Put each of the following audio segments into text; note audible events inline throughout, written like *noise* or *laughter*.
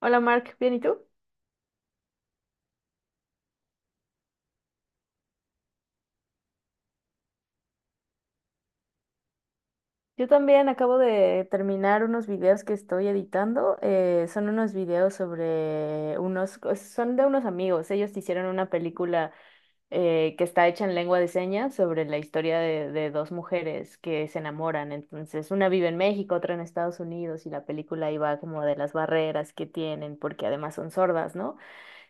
Hola Mark, ¿bien y tú? Yo también acabo de terminar unos videos que estoy editando. Son unos videos sobre unos, o sea, son de unos amigos. Ellos hicieron una película que está hecha en lengua de señas sobre la historia de dos mujeres que se enamoran. Entonces, una vive en México, otra en Estados Unidos, y la película iba como de las barreras que tienen, porque además son sordas, ¿no?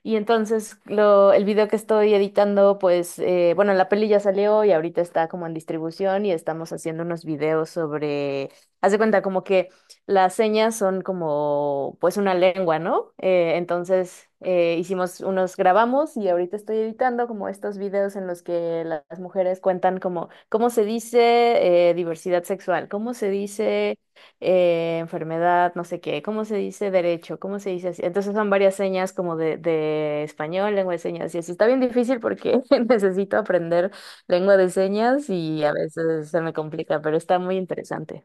Y entonces lo, el video que estoy editando, pues, bueno, la peli ya salió y ahorita está como en distribución y estamos haciendo unos videos sobre, haz de cuenta como que las señas son como, pues, una lengua, ¿no? Entonces hicimos unos, grabamos y ahorita estoy editando como estos videos en los que las mujeres cuentan como, ¿cómo se dice diversidad sexual? ¿Cómo se dice enfermedad, no sé qué, ¿cómo se dice derecho? ¿Cómo se dice así? Entonces son varias señas como de español, lengua de señas, y así está bien difícil porque *laughs* necesito aprender lengua de señas y a veces se me complica, pero está muy interesante.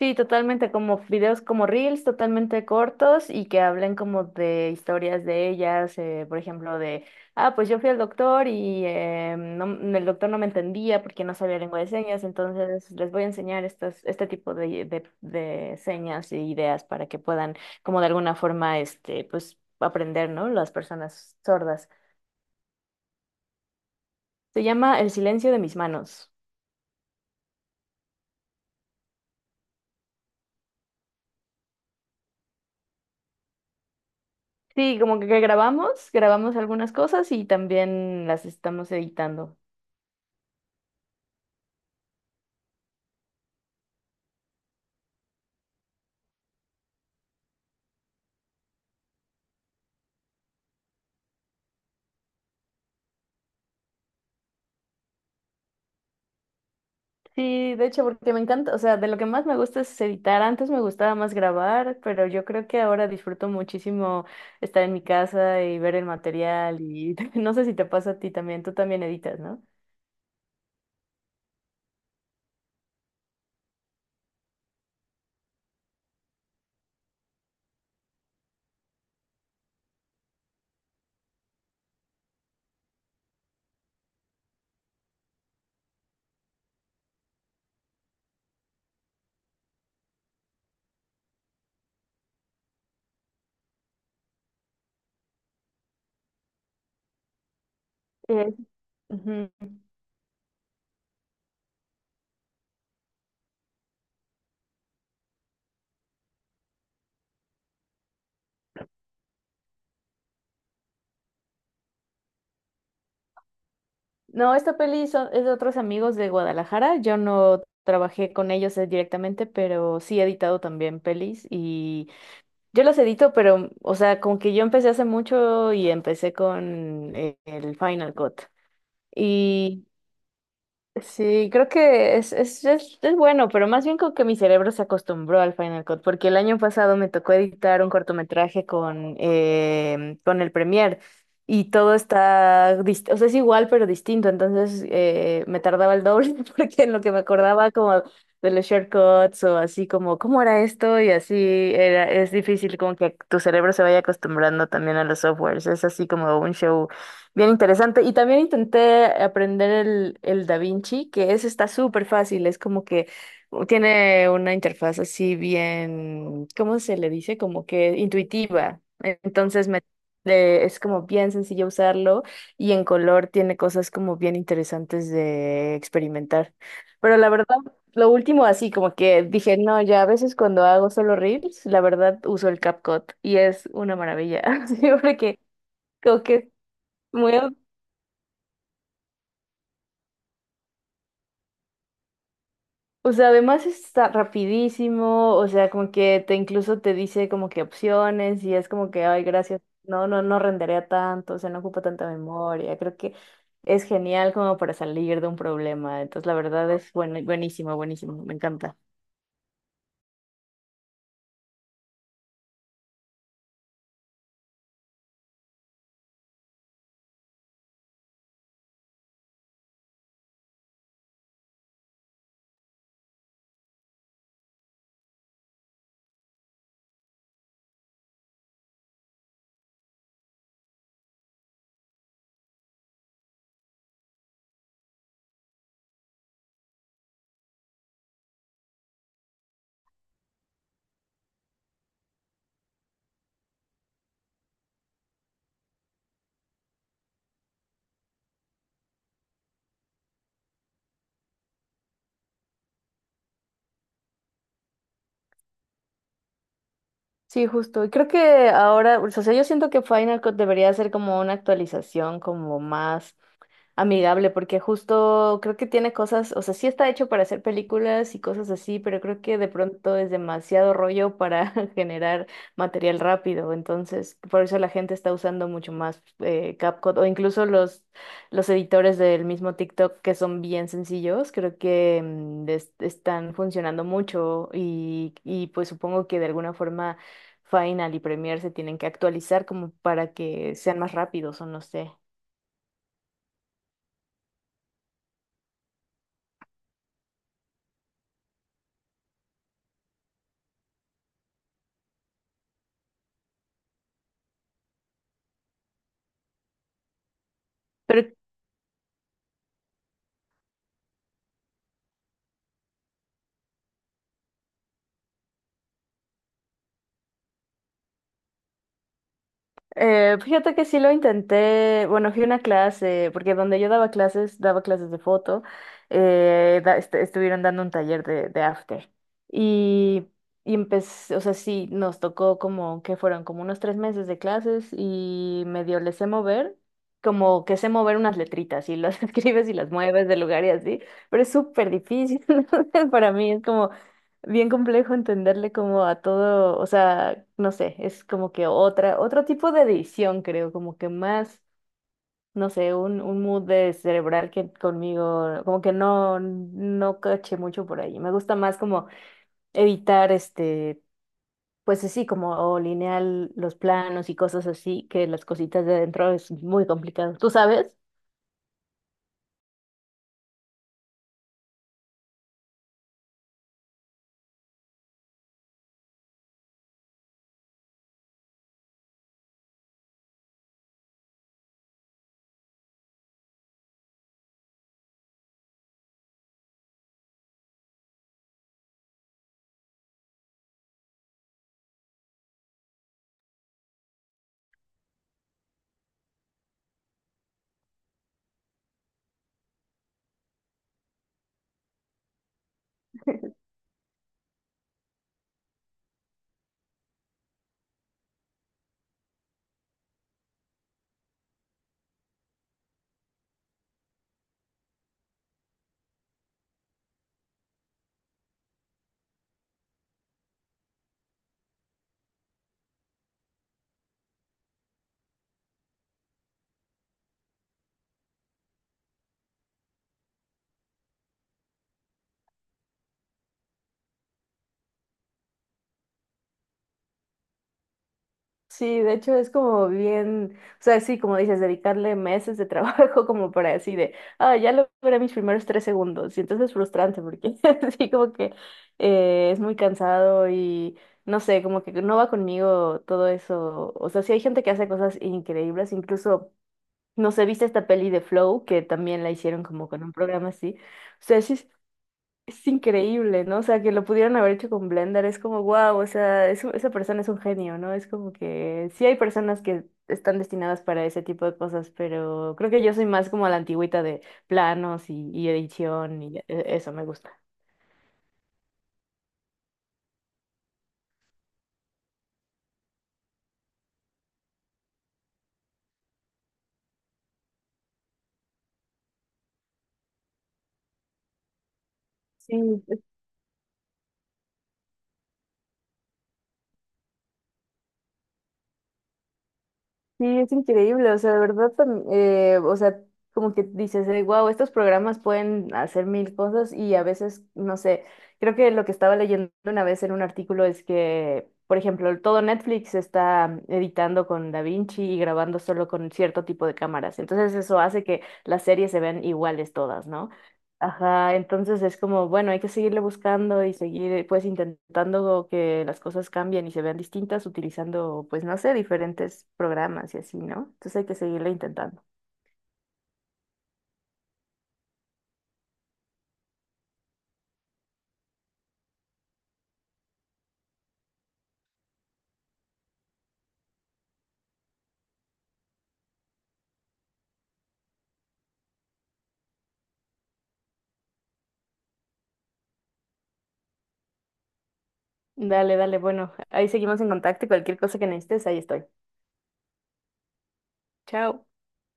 Sí, totalmente, como videos como reels, totalmente cortos y que hablen como de historias de ellas, por ejemplo, de, ah, pues yo fui al doctor y el doctor no me entendía porque no sabía lengua de señas, entonces les voy a enseñar estas, este tipo de señas e ideas para que puedan como de alguna forma, este, pues aprender, ¿no? Las personas sordas. Se llama El silencio de mis manos. Sí, como que grabamos, grabamos algunas cosas y también las estamos editando. Sí, de hecho, porque me encanta, o sea, de lo que más me gusta es editar. Antes me gustaba más grabar, pero yo creo que ahora disfruto muchísimo estar en mi casa y ver el material y *laughs* no sé si te pasa a ti también, tú también editas, ¿no? Eh, Ujú. No, esta peli son, es de otros amigos de Guadalajara. Yo no trabajé con ellos directamente, pero sí he editado también pelis y yo las edito, pero, o sea, con que yo empecé hace mucho y empecé con el Final Cut. Sí, creo que es bueno, pero más bien como que mi cerebro se acostumbró al Final Cut, porque el año pasado me tocó editar un cortometraje con, em, con el Premiere y todo está, dist- o sea, es igual pero distinto, entonces me tardaba el doble *laughs* porque en lo que me acordaba como de los shortcuts o así como, ¿cómo era esto? Y así era, es difícil como que tu cerebro se vaya acostumbrando también a los softwares, es así como un show. Bien interesante. Y también intenté aprender el Da Vinci, que es, está súper fácil. Es como que tiene una interfaz así bien, ¿cómo se le dice? Como que intuitiva. Entonces me, le- es como bien sencillo usarlo y en color tiene cosas como bien interesantes de experimentar. Pero la verdad, lo último así, como que dije, no, ya a veces cuando hago solo reels, la verdad uso el CapCut y es una maravilla. *laughs* Siempre que... Como que muy. O sea, además está rapidísimo, o sea, como que te incluso te dice como que opciones y es como que, ay, gracias, no rendería tanto, o sea, no ocupa tanta memoria. Creo que es genial como para salir de un problema. Entonces, la verdad es buen- buenísimo, buenísimo, me encanta. Sí, justo. Y creo que ahora, o sea, yo siento que Final Cut debería ser como una actualización como más amigable, porque justo creo que tiene cosas, o sea, sí está hecho para hacer películas y cosas así, pero creo que de pronto es demasiado rollo para *laughs* generar material rápido, entonces por eso la gente está usando mucho más CapCut o incluso los editores del mismo TikTok que son bien sencillos, creo que están funcionando mucho y pues supongo que de alguna forma Final y Premiere se tienen que actualizar como para que sean más rápidos o no sé. Pero fíjate que sí lo intenté, bueno, fui a una clase, porque donde yo daba clases de foto, estuvieron dando un taller de after. Y, y empecé, o sea, sí, nos tocó como que fueron como unos 3 meses de clases y medio le sé mover, como que sé mover unas letritas y las *laughs* escribes y las mueves de lugar y así, pero es súper difícil *laughs* para mí, es como bien complejo entenderle como a todo, o sea, no sé, es como que otra, otro tipo de edición, creo, como que más, no sé, un mood de cerebral que conmigo, como que no, no caché mucho por ahí. Me gusta más como editar este, pues así, como o lineal los planos y cosas así, que las cositas de adentro es muy complicado. ¿Tú sabes? Sí, de hecho es como bien, o sea, sí, como dices, dedicarle meses de trabajo *laughs* como para así de, ah, ya logré mis primeros 3 segundos. Y entonces es frustrante porque *laughs* sí, como que es muy cansado y no sé, como que no va conmigo todo eso. O sea, sí hay gente que hace cosas increíbles, incluso, no sé, viste esta peli de Flow que también la hicieron como con un programa así. O sea, sí es increíble, ¿no? O sea, que lo pudieran haber hecho con Blender, es como, wow, o sea, es un- esa persona es un genio, ¿no? Es como que sí hay personas que están destinadas para ese tipo de cosas, pero creo que yo soy más como a la antigüita de planos y edición y e- eso me gusta. Sí. Sí, es increíble, o sea, de verdad, o sea, como que dices, wow, estos programas pueden hacer mil cosas y a veces, no sé, creo que lo que estaba leyendo una vez en un artículo es que, por ejemplo, todo Netflix está editando con DaVinci y grabando solo con cierto tipo de cámaras, entonces eso hace que las series se vean iguales todas, ¿no? Ajá, entonces es como, bueno, hay que seguirle buscando y seguir pues intentando que las cosas cambien y se vean distintas utilizando pues no sé, diferentes programas y así, ¿no? Entonces hay que seguirle intentando. Dale, dale, bueno, ahí seguimos en contacto y cualquier cosa que necesites, ahí estoy. Chao.